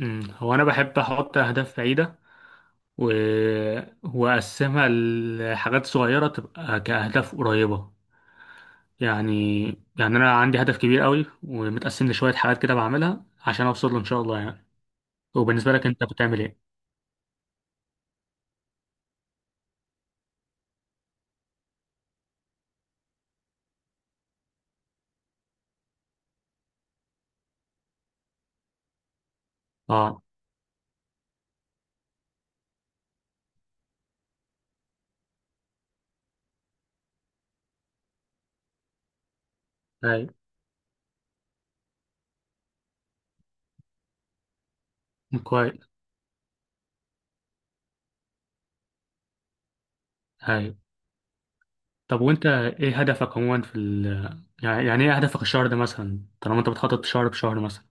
هو انا بحب احط اهداف بعيده و... واقسمها لحاجات صغيره تبقى كاهداف قريبه. يعني يعني انا عندي هدف كبير قوي ومتقسم لشويه حاجات كده بعملها عشان اوصل له ان شاء الله يعني. وبالنسبه لك انت بتعمل ايه؟ اه. هاي. كويس. هاي. طب وانت ايه هدفك عموما يعني ايه هدفك الشهر ده مثلا، طالما انت بتخطط شهر بشهر مثلا؟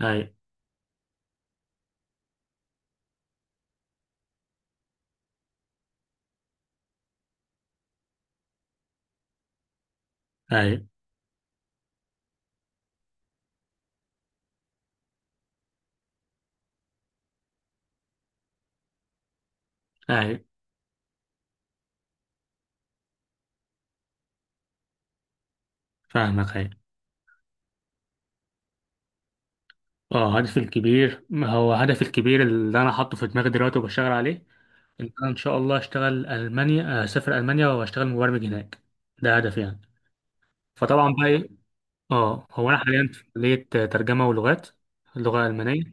هاي. هاي. هاي. فاهمك. هاي. اه، هدفي الكبير، ما هو هدفي الكبير اللي انا حاطه في دماغي دلوقتي وبشتغل عليه، ان انا ان شاء الله اشتغل المانيا، اسافر المانيا واشتغل مبرمج هناك. ده هدفي يعني. فطبعا بقى ايه، اه، هو انا حاليا في كليه ترجمه ولغات، اللغه الالمانيه.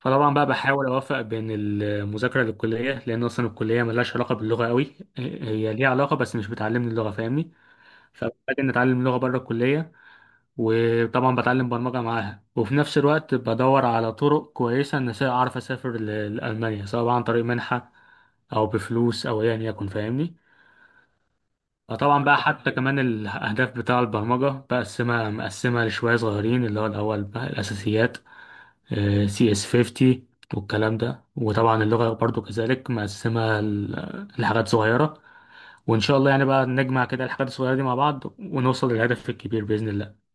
فطبعا بقى بحاول اوفق بين المذاكره للكليه، لان اصلا الكليه ملهاش علاقه باللغه قوي، هي ليها علاقه بس مش بتعلمني اللغه، فاهمني؟ فبحتاج ان اتعلم لغه بره الكليه، وطبعا بتعلم برمجة معاها، وفي نفس الوقت بدور على طرق كويسة إن أعرف أسافر لألمانيا، سواء بقى عن طريق منحة أو بفلوس أو أيا يكن، فاهمني؟ فطبعا بقى حتى كمان الأهداف بتاع البرمجة مقسمها لشوية صغيرين، اللي هو الأول بقى الأساسيات، سي اس 50 والكلام ده، وطبعا اللغة برضو كذلك مقسمها لحاجات صغيرة، وإن شاء الله يعني بقى نجمع كده الحاجات الصغيرة دي مع بعض ونوصل للهدف الكبير بإذن الله.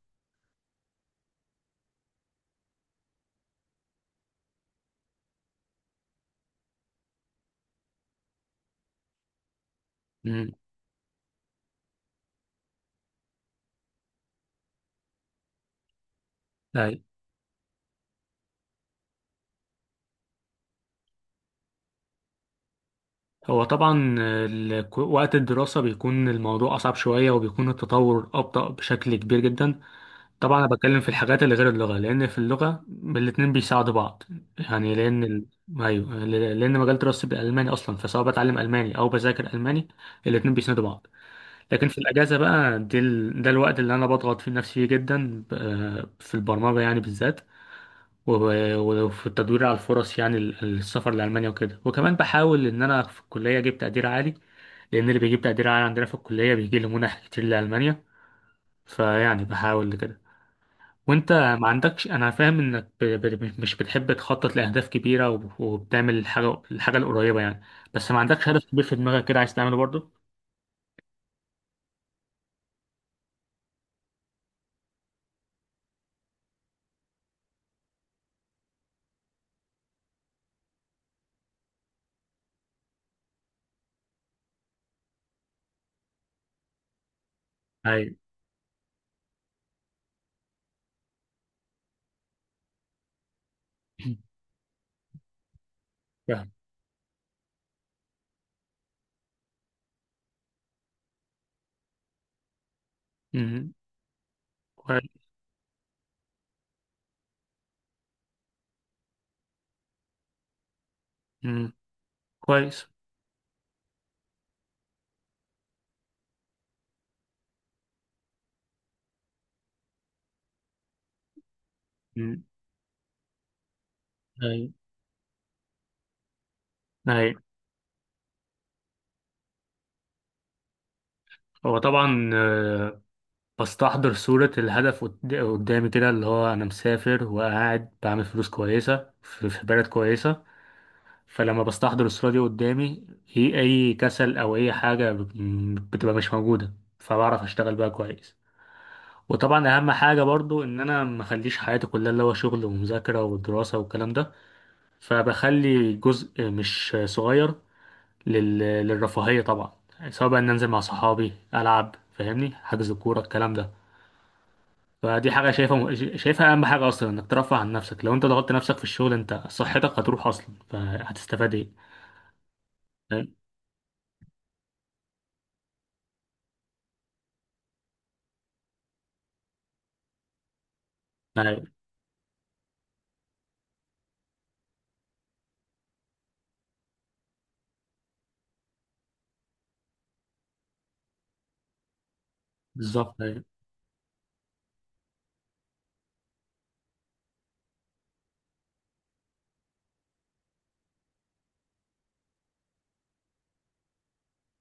امم. هو طبعا وقت الدراسة بيكون الموضوع أصعب شوية وبيكون التطور أبطأ بشكل كبير جدا. طبعا أنا بتكلم في الحاجات اللي غير اللغة، لأن في اللغة الاتنين بيساعدوا بعض، يعني أيوه، لأن مجال دراستي بالألماني أصلا، فسواء بتعلم ألماني أو بذاكر ألماني، الاتنين بيساندوا بعض. لكن في الأجازة بقى دي ده الوقت اللي أنا بضغط فيه نفسي فيه جدا في البرمجة يعني بالذات، وفي التدوير على الفرص، يعني السفر لألمانيا وكده، وكمان بحاول إن أنا في الكلية أجيب تقدير عالي، لأن اللي بيجيب تقدير عالي عندنا في الكلية بيجي له منح كتير لألمانيا، فيعني بحاول لكده. وأنت ما عندكش، أنا فاهم إنك مش بتحب تخطط لأهداف كبيرة، وبتعمل الحاجة القريبة يعني، بس ما عندكش هدف كبير في دماغك كده عايز تعمله برضه؟ أيوة. فاهم. مم. كوي- مم. كويس. مم. أيوة. أيوة. هو طبعا بستحضر صورة الهدف قدامي كده، اللي هو أنا مسافر وقاعد بعمل فلوس كويسة في بلد كويسة. فلما بستحضر الصورة دي قدامي، هي أي كسل أو أي حاجة بتبقى مش موجودة، فبعرف أشتغل بقى كويس. وطبعا أهم حاجة برضو إن أنا مخليش حياتي كلها اللي هو شغل ومذاكرة ودراسة والكلام ده، فبخلي جزء مش صغير للرفاهية طبعا، سواء بقى إن أنزل مع صحابي ألعب، فاهمني، حجز الكورة الكلام ده. فدي حاجة شايفها أهم حاجة أصلا، إنك ترفه عن نفسك، لو أنت ضغطت نفسك في الشغل أنت صحتك هتروح أصلا فهتستفاد إيه؟ فاهم؟ أيوة، بالظبط. أيوة.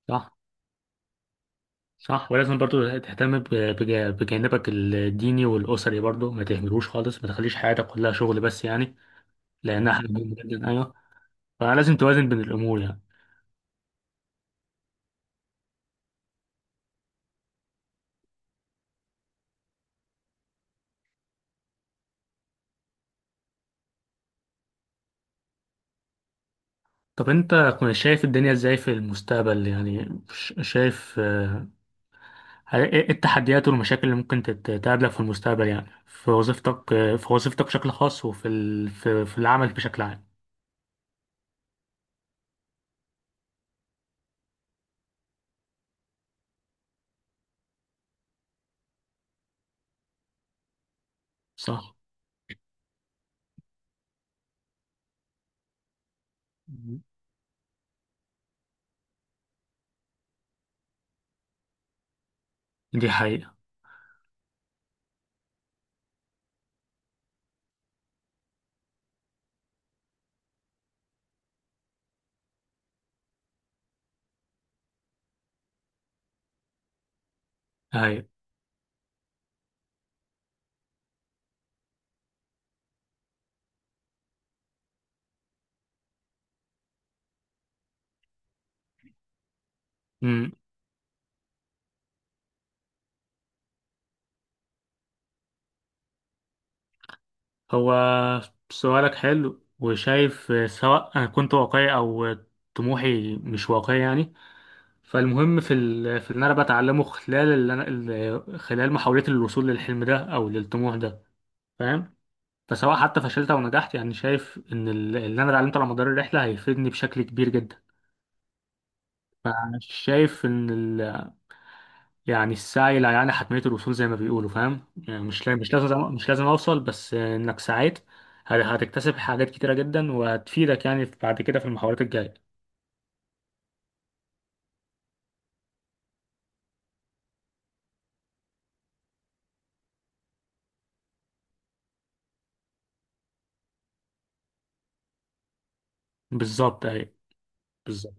صح. صح، ولازم برضو تهتم بجانبك الديني والأسري برضو، ما تهملوش خالص، ما تخليش حياتك كلها شغل بس يعني، لأنها حاجة مهمة جدا، أيوة، فلازم توازن بين الأمور يعني. طب أنت شايف الدنيا إزاي في المستقبل؟ يعني شايف إيه التحديات والمشاكل اللي ممكن تقابلك في المستقبل، يعني في وظيفتك، في وظيفتك بشكل خاص، في العمل بشكل عام؟ صح. مم. دي حقيقة. أيوة. أمم. هو سؤالك حلو، وشايف سواء أنا كنت واقعي أو طموحي مش واقعي يعني، فالمهم في اللي أنا بتعلمه خلال خلال محاولتي للوصول للحلم ده أو للطموح ده، فاهم؟ فسواء حتى فشلت او نجحت، يعني شايف ان اللي انا اتعلمته على مدار الرحله هيفيدني بشكل كبير جدا. انا شايف ان يعني السعي لا يعني حتميه الوصول زي ما بيقولوا، فاهم؟ يعني مش لازم مش لازم اوصل، بس انك سعيت هتكتسب حاجات كتيره جدا، وهتفيدك يعني بعد كده في المحاولات الجايه. بالظبط اهي. بالظبط.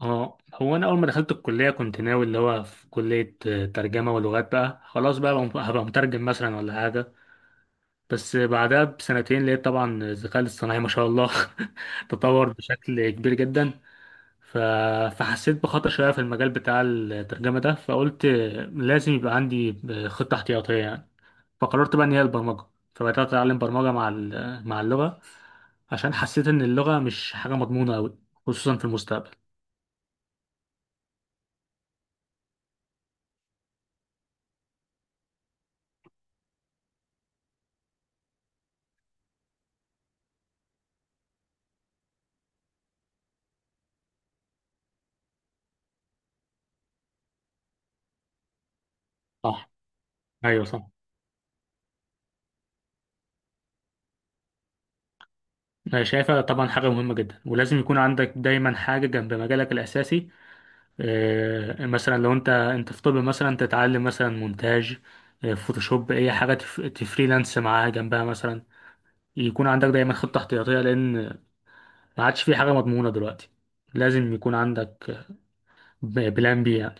اه، هو انا اول ما دخلت الكليه كنت ناوي اللي هو في كليه، ترجمه ولغات بقى، خلاص بقى هبقى مترجم مثلا ولا حاجه. بس بعدها بسنتين لقيت طبعا الذكاء الاصطناعي ما شاء الله تطور بشكل كبير جدا. ف... فحسيت بخطر شوية في المجال بتاع الترجمة ده، فقلت لازم يبقى عندي خطة احتياطية يعني، فقررت بقى إن هي البرمجة، فبدأت أتعلم برمجة مع مع اللغة، عشان حسيت إن اللغة مش حاجة مضمونة أوي، خصوصا في المستقبل. صح. أيوه، صح. أنا شايفها طبعا حاجة مهمة جدا، ولازم يكون عندك دايما حاجة جنب مجالك الأساسي. مثلا لو انت في طب، مثلا تتعلم مثلا مونتاج، فوتوشوب، اي حاجه تفريلانس معاها جنبها مثلا، يكون عندك دايما خطه احتياطيه، لان ما عادش في حاجه مضمونه دلوقتي، لازم يكون عندك بلان بي يعني.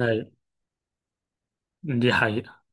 أيوة، دي حقيقة.